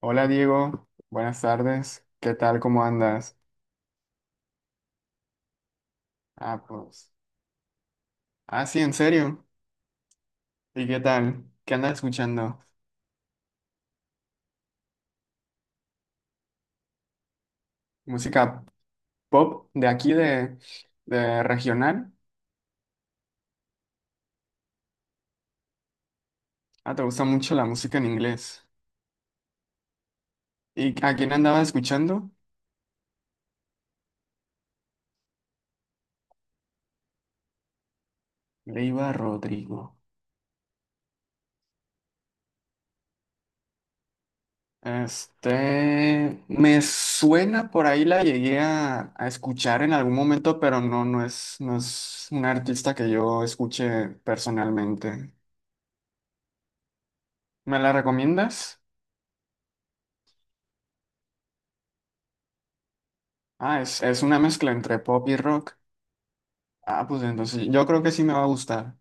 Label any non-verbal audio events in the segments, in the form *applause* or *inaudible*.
Hola Diego, buenas tardes. ¿Qué tal? ¿Cómo andas? Ah, pues. Ah, sí, en serio. ¿Y qué tal? ¿Qué andas escuchando? ¿Música pop de aquí, de regional? Ah, ¿te gusta mucho la música en inglés? ¿Y a quién andabas escuchando? Leiva Rodrigo. Este, me suena por ahí, la llegué a escuchar en algún momento, pero no, no es una artista que yo escuche personalmente. ¿Me la recomiendas? Ah, es una mezcla entre pop y rock. Ah, pues entonces yo creo que sí me va a gustar.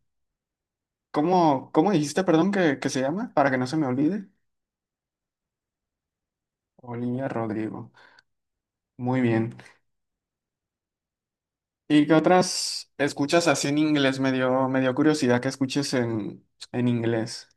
¿Cómo dijiste, perdón, que se llama? Para que no se me olvide. Olivia Rodrigo. Muy bien. ¿Y qué otras escuchas así en inglés? Me dio curiosidad que escuches en inglés.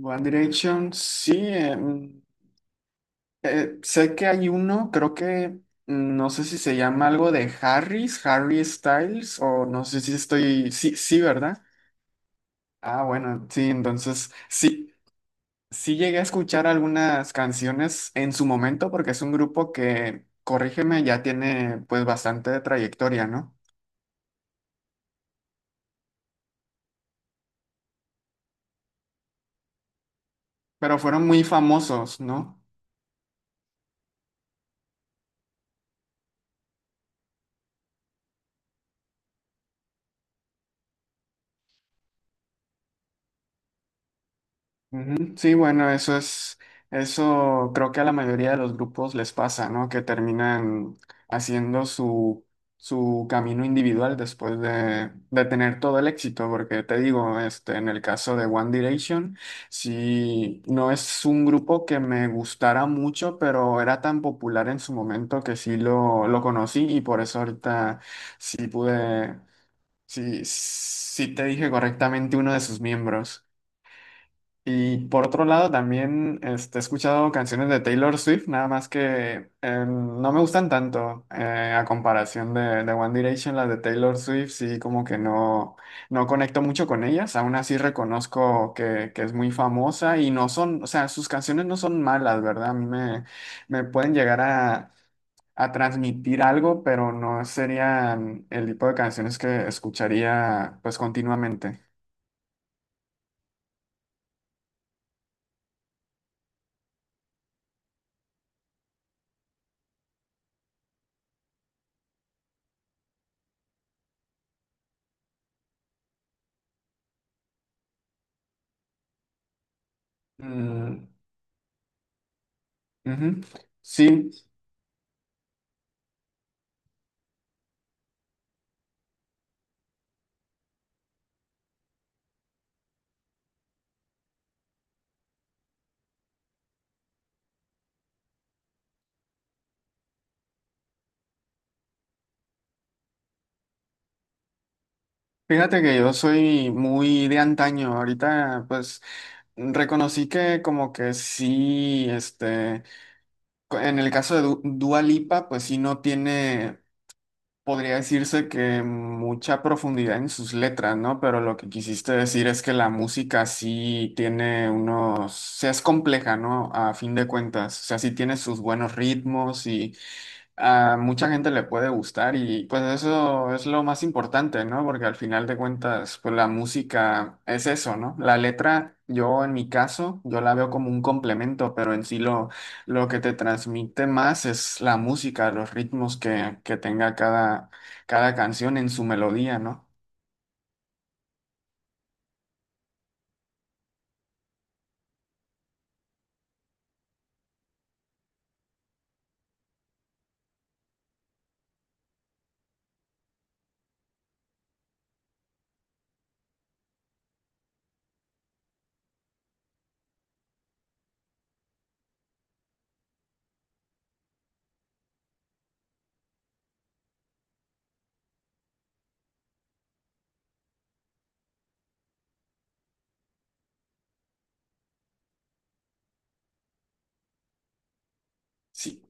One Direction, sí. Sé que hay uno, creo que no sé si se llama algo de Harris, Harry Styles, o no sé si estoy. Sí, sí, ¿verdad? Ah, bueno, sí, entonces sí. Sí llegué a escuchar algunas canciones en su momento porque es un grupo que, corrígeme, ya tiene pues bastante trayectoria, ¿no? Pero fueron muy famosos, ¿no? Ujú. Sí, bueno, eso es, eso creo que a la mayoría de los grupos les pasa, ¿no? Que terminan haciendo su camino individual después de tener todo el éxito, porque te digo, este, en el caso de One Direction, sí, no es un grupo que me gustara mucho, pero era tan popular en su momento que sí lo conocí y por eso ahorita sí pude, sí, sí te dije correctamente uno de sus miembros. Y por otro lado, también este, he escuchado canciones de Taylor Swift, nada más que no me gustan tanto a comparación de One Direction, las de Taylor Swift, sí como que no, no conecto mucho con ellas, aún así reconozco que es muy famosa y no son, o sea, sus canciones no son malas, ¿verdad? Me pueden llegar a transmitir algo, pero no serían el tipo de canciones que escucharía pues continuamente. Mm, ujú. Sí, fíjate que yo soy muy de antaño. Ahorita, pues, reconocí que como que sí, este, en el caso de Dua Lipa, pues sí no tiene, podría decirse que mucha profundidad en sus letras, ¿no? Pero lo que quisiste decir es que la música sí tiene unos, o sea, es compleja, ¿no? A fin de cuentas, o sea, sí tiene sus buenos ritmos a mucha gente le puede gustar y pues eso es lo más importante, ¿no? Porque al final de cuentas, pues la música es eso, ¿no? La letra, yo en mi caso, yo la veo como un complemento, pero en sí lo que te transmite más es la música, los ritmos que tenga cada, cada canción en su melodía, ¿no? Sí.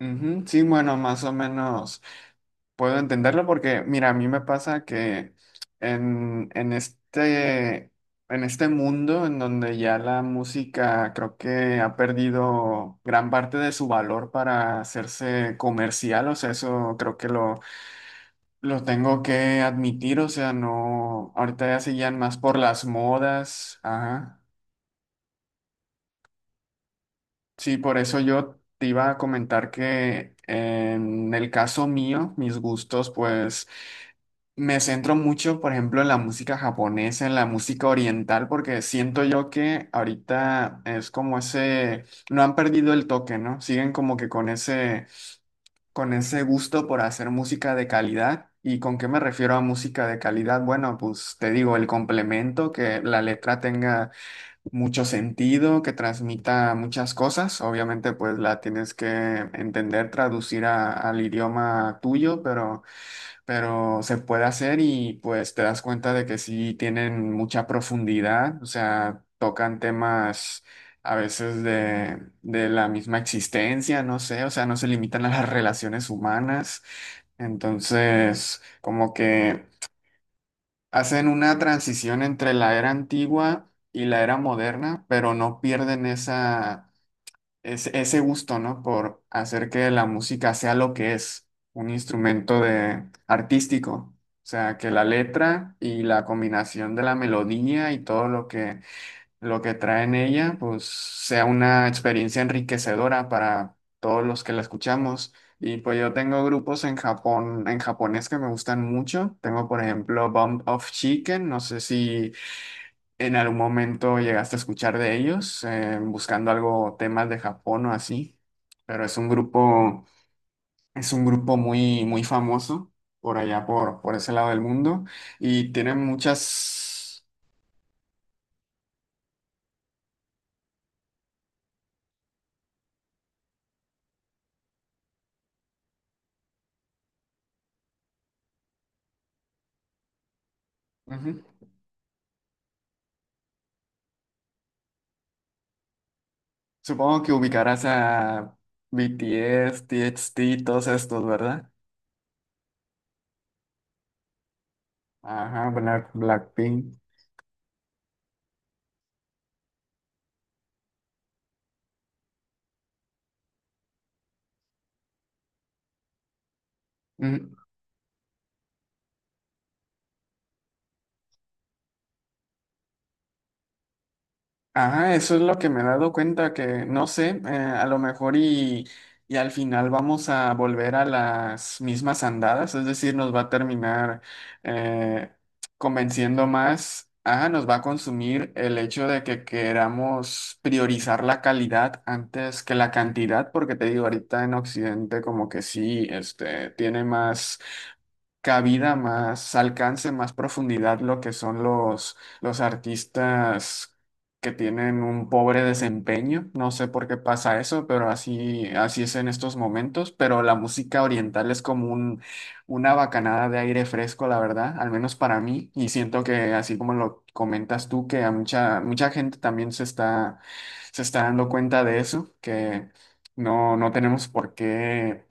Ujú, sí, bueno, más o menos. Puedo entenderlo porque, mira, a mí me pasa que en, en este, en este mundo en donde ya la música creo que ha perdido gran parte de su valor para hacerse comercial, o sea, eso creo que lo tengo que admitir, o sea, no, ahorita ya se guían más por las modas, ajá. Sí, por eso yo te iba a comentar que en el caso mío, mis gustos, pues... Me centro mucho, por ejemplo, en la música japonesa, en la música oriental, porque siento yo que ahorita es como ese, no han perdido el toque, ¿no? Siguen como que con ese gusto por hacer música de calidad. ¿Y con qué me refiero a música de calidad? Bueno, pues te digo, el complemento, que la letra tenga mucho sentido, que transmita muchas cosas. Obviamente, pues la tienes que entender, traducir al idioma tuyo, pero se puede hacer y pues te das cuenta de que sí tienen mucha profundidad, o sea, tocan temas a veces de la misma existencia, no sé, o sea, no se limitan a las relaciones humanas, entonces como que hacen una transición entre la era antigua y la era moderna, pero no pierden esa es ese gusto, ¿no? Por hacer que la música sea lo que es, un instrumento de artístico. O sea, que la letra y la combinación de la melodía y todo lo que trae en ella, pues sea una experiencia enriquecedora para todos los que la escuchamos. Y pues yo tengo grupos en Japón, en japonés que me gustan mucho. Tengo, por ejemplo, Bump of Chicken. No sé si ¿en algún momento llegaste a escuchar de ellos, buscando algo, temas de Japón o así? Pero es un grupo muy, muy famoso por allá, por ese lado del mundo, y tienen muchas... Ujú. Supongo que ubicarás a BTS, TXT, todos estos, ¿verdad? Ajá, Blackpink. Ujú. Ajá, eso es lo que me he dado cuenta, que no sé, a lo mejor y al final vamos a volver a las mismas andadas, es decir, nos va a terminar eh, convenciendo más, ajá, nos va a consumir el hecho de que queramos priorizar la calidad antes que la cantidad, porque te digo, ahorita en Occidente como que sí, este, tiene más cabida, más alcance, más profundidad lo que son los artistas que tienen un pobre desempeño. No sé por qué pasa eso, pero así, así es en estos momentos. Pero la música oriental es como un, una bacanada de aire fresco, la verdad, al menos para mí. Y siento que así como lo comentas tú, que a mucha, mucha gente también se está dando cuenta de eso, que no, no tenemos por qué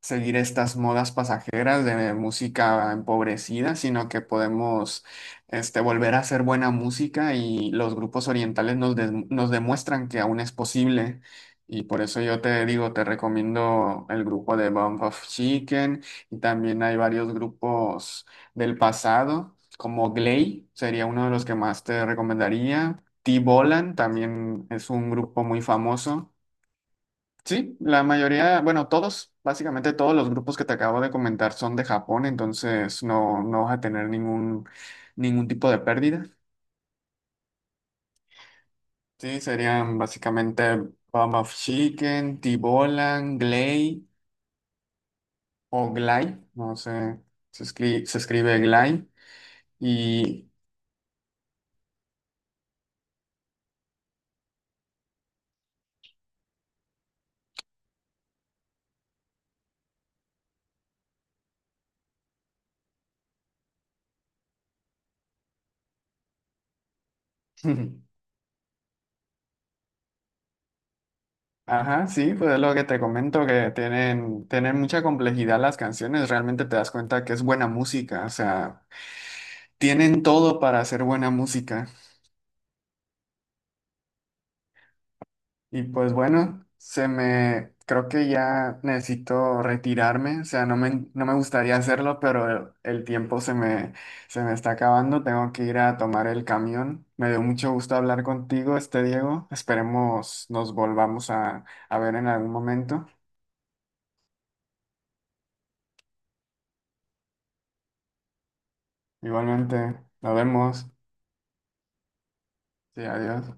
seguir estas modas pasajeras de música empobrecida, sino que podemos este, volver a hacer buena música y los grupos orientales nos, nos demuestran que aún es posible. Y por eso yo te digo, te recomiendo el grupo de Bump of Chicken y también hay varios grupos del pasado, como Glay, sería uno de los que más te recomendaría. T-Bolan también es un grupo muy famoso. Sí, la mayoría, bueno, todos, básicamente todos los grupos que te acabo de comentar son de Japón, entonces no, no vas a tener ningún, ningún tipo de pérdida. Sí, serían básicamente Bomb of Chicken, Tibolan, Glay o Glay, no sé, se escribe Glay y... *laughs* Ajá, sí, pues es lo que te comento, que tienen, tienen mucha complejidad las canciones, realmente te das cuenta que es buena música, o sea, tienen todo para hacer buena música. Y pues bueno, se me, creo que ya necesito retirarme, o sea, no me, no me gustaría hacerlo, pero el tiempo se me está acabando, tengo que ir a tomar el camión. Me dio mucho gusto hablar contigo, este Diego. Esperemos nos volvamos a ver en algún momento. Igualmente, nos vemos. Sí, adiós.